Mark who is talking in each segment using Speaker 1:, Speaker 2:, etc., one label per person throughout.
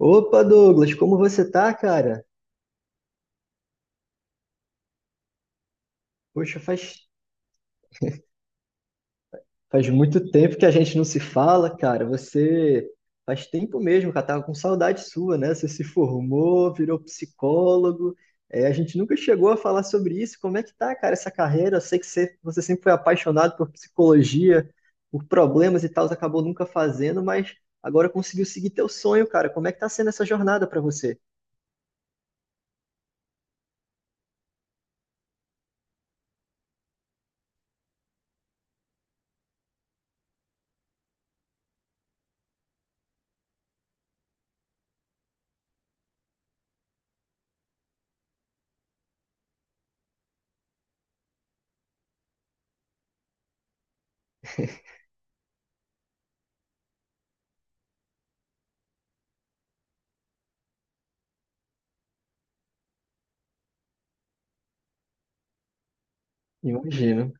Speaker 1: Opa, Douglas, como você tá, cara? Poxa, faz muito tempo que a gente não se fala, cara. Você faz tempo mesmo, cara. Tava com saudade sua, né? Você se formou, virou psicólogo. É, a gente nunca chegou a falar sobre isso. Como é que tá, cara, essa carreira? Eu sei que você sempre foi apaixonado por psicologia, por problemas e tal, você acabou nunca fazendo, mas agora conseguiu seguir teu sonho, cara. Como é que tá sendo essa jornada pra você? Imagino.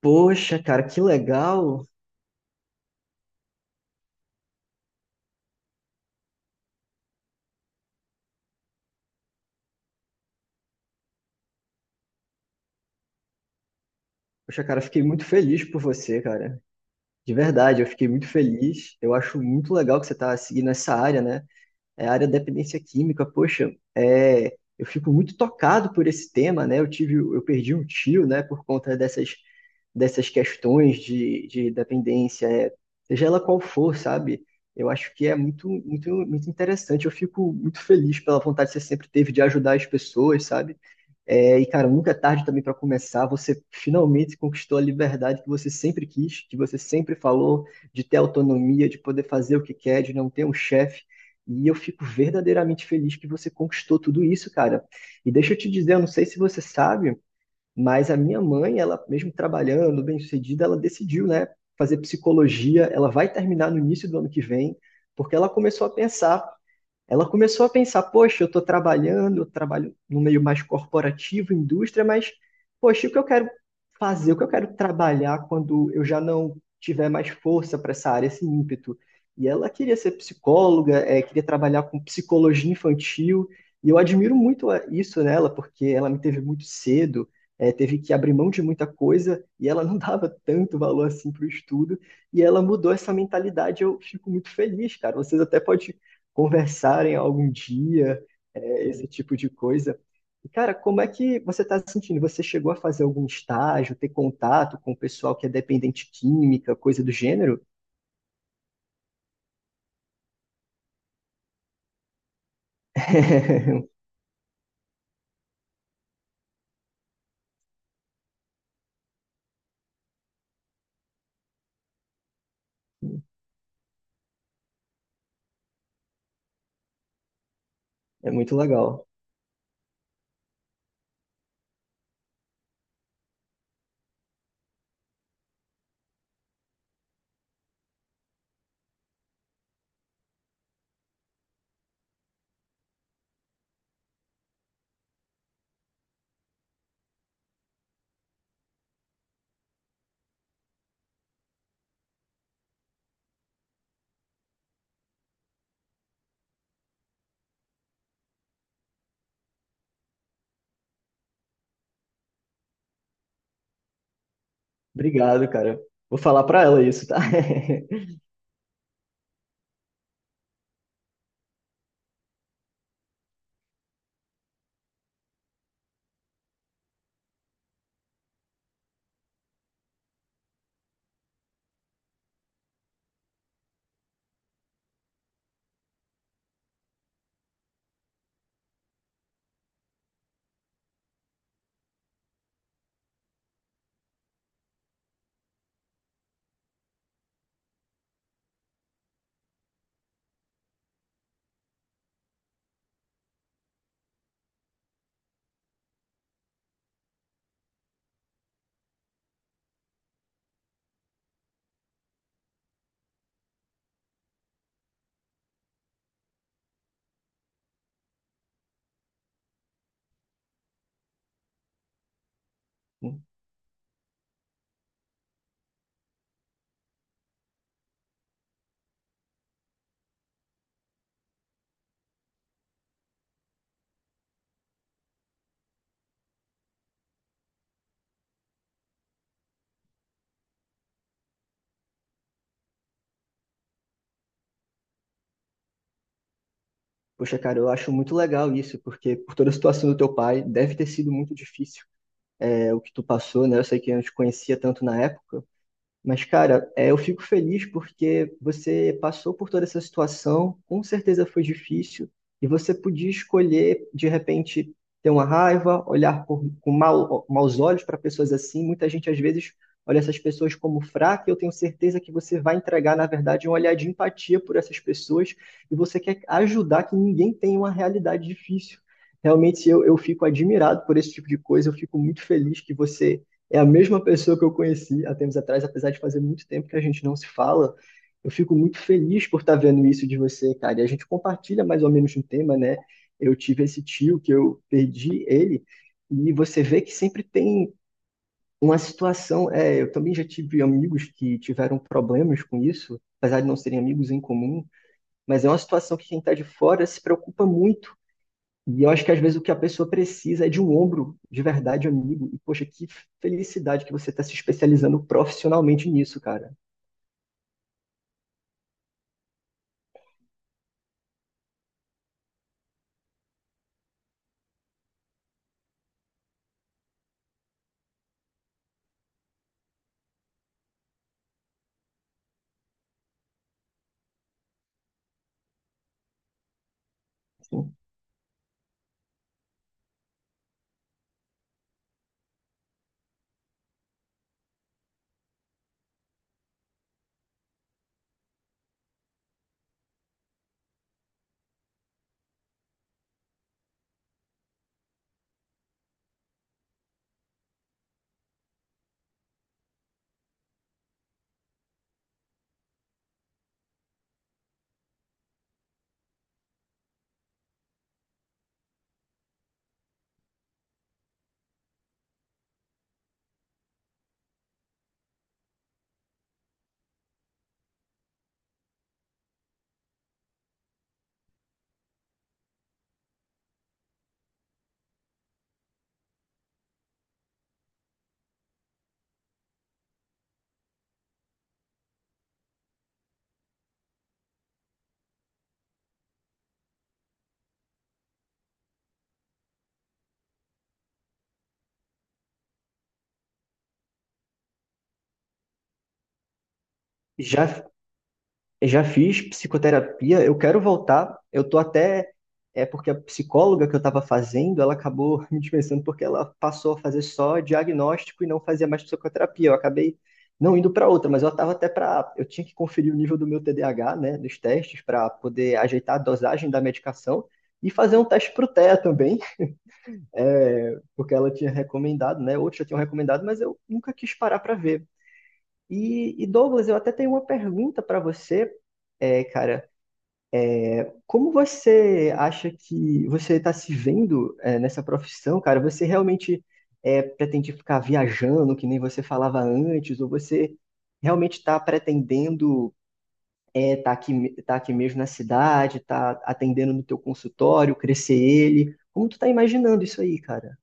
Speaker 1: Poxa, cara, que legal. Poxa, cara, fiquei muito feliz por você, cara. De verdade, eu fiquei muito feliz. Eu acho muito legal que você está seguindo essa área, né? É a área da dependência química. Poxa, é, eu fico muito tocado por esse tema, né? Eu tive, eu perdi um tio, né? Por conta dessas questões de dependência, é, seja ela qual for, sabe? Eu acho que é muito, muito, muito interessante. Eu fico muito feliz pela vontade que você sempre teve de ajudar as pessoas, sabe? É, e, cara, nunca é tarde também para começar. Você finalmente conquistou a liberdade que você sempre quis, que você sempre falou, de ter autonomia, de poder fazer o que quer, de não ter um chefe. E eu fico verdadeiramente feliz que você conquistou tudo isso, cara. E deixa eu te dizer, eu não sei se você sabe, mas a minha mãe, ela mesmo trabalhando, bem-sucedida, ela decidiu, né, fazer psicologia. Ela vai terminar no início do ano que vem, porque ela começou a pensar ela começou a pensar, poxa, eu estou trabalhando, eu trabalho no meio mais corporativo, indústria, mas, poxa, o que eu quero fazer, o que eu quero trabalhar quando eu já não tiver mais força para essa área, esse ímpeto? E ela queria ser psicóloga, queria trabalhar com psicologia infantil, e eu admiro muito a- isso nela, porque ela me teve muito cedo, teve que abrir mão de muita coisa, e ela não dava tanto valor assim para o estudo, e ela mudou essa mentalidade, eu fico muito feliz, cara. Vocês até podem conversarem algum dia, é, esse tipo de coisa. E, cara, como é que você está se sentindo? Você chegou a fazer algum estágio, ter contato com o pessoal que é dependente química, coisa do gênero? É muito legal. Obrigado, cara. Vou falar pra ela isso, tá? Poxa, cara, eu acho muito legal isso, porque por toda a situação do teu pai, deve ter sido muito difícil, é, o que tu passou, né? Eu sei que eu não te conhecia tanto na época, mas, cara, é, eu fico feliz porque você passou por toda essa situação, com certeza foi difícil, e você podia escolher, de repente, ter uma raiva, olhar por- com mau, maus olhos para pessoas assim. Muita gente, às vezes, olha essas pessoas como fraca, e eu tenho certeza que você vai entregar, na verdade, um olhar de empatia por essas pessoas, e você quer ajudar que ninguém tenha uma realidade difícil. Realmente, eu fico admirado por esse tipo de coisa, eu fico muito feliz que você é a mesma pessoa que eu conheci há tempos atrás, apesar de fazer muito tempo que a gente não se fala. Eu fico muito feliz por estar vendo isso de você, cara. E a gente compartilha mais ou menos um tema, né? Eu tive esse tio que eu perdi ele, e você vê que sempre tem uma situação. É, eu também já tive amigos que tiveram problemas com isso, apesar de não serem amigos em comum, mas é uma situação que quem está de fora se preocupa muito e eu acho que às vezes o que a pessoa precisa é de um ombro de verdade, amigo. E poxa, que felicidade que você está se especializando profissionalmente nisso, cara. Assim, já, já fiz psicoterapia, eu quero voltar. Eu tô até. É porque a psicóloga que eu estava fazendo, ela acabou me dispensando porque ela passou a fazer só diagnóstico e não fazia mais psicoterapia. Eu acabei não indo para outra, mas eu estava até para. Eu tinha que conferir o nível do meu TDAH, né, dos testes, para poder ajeitar a dosagem da medicação e fazer um teste para o TEA também. Porque ela tinha recomendado, né? Outros já tinham recomendado, mas eu nunca quis parar para ver. Douglas, eu até tenho uma pergunta para você, é, cara. Como você acha que você está se vendo é, nessa profissão, cara? Você realmente é, pretende ficar viajando, que nem você falava antes, ou você realmente está pretendendo estar é, tá aqui mesmo na cidade, tá atendendo no teu consultório, crescer ele? Como tu tá imaginando isso aí, cara?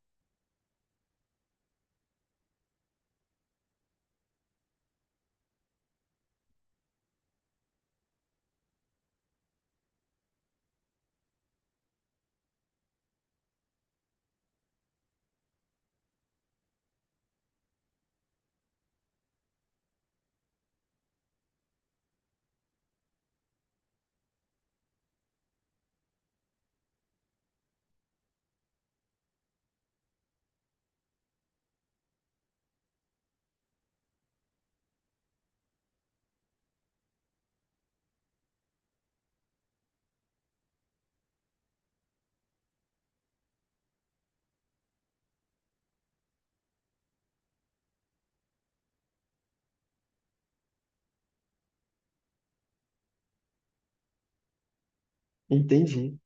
Speaker 1: Entendi.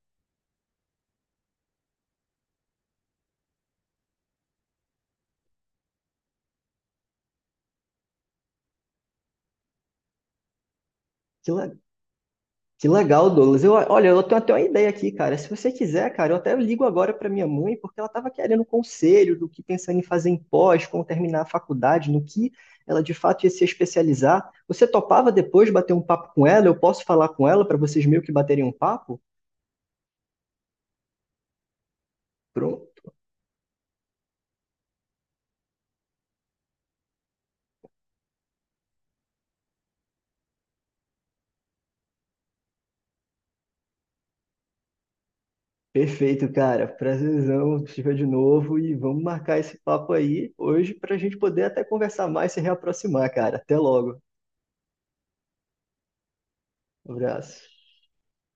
Speaker 1: Que, le- Que legal, Douglas. Eu, olha, eu tenho até uma ideia aqui, cara. Se você quiser, cara, eu até ligo agora para minha mãe, porque ela estava querendo um conselho do que pensando em fazer em pós, como terminar a faculdade, no que ela de fato ia se especializar. Você topava depois bater um papo com ela? Eu posso falar com ela para vocês meio que baterem um papo? Pronto. Perfeito, cara. Prazerzão, estiver de novo e vamos marcar esse papo aí hoje para a gente poder até conversar mais, e se reaproximar, cara. Até logo. Abraço.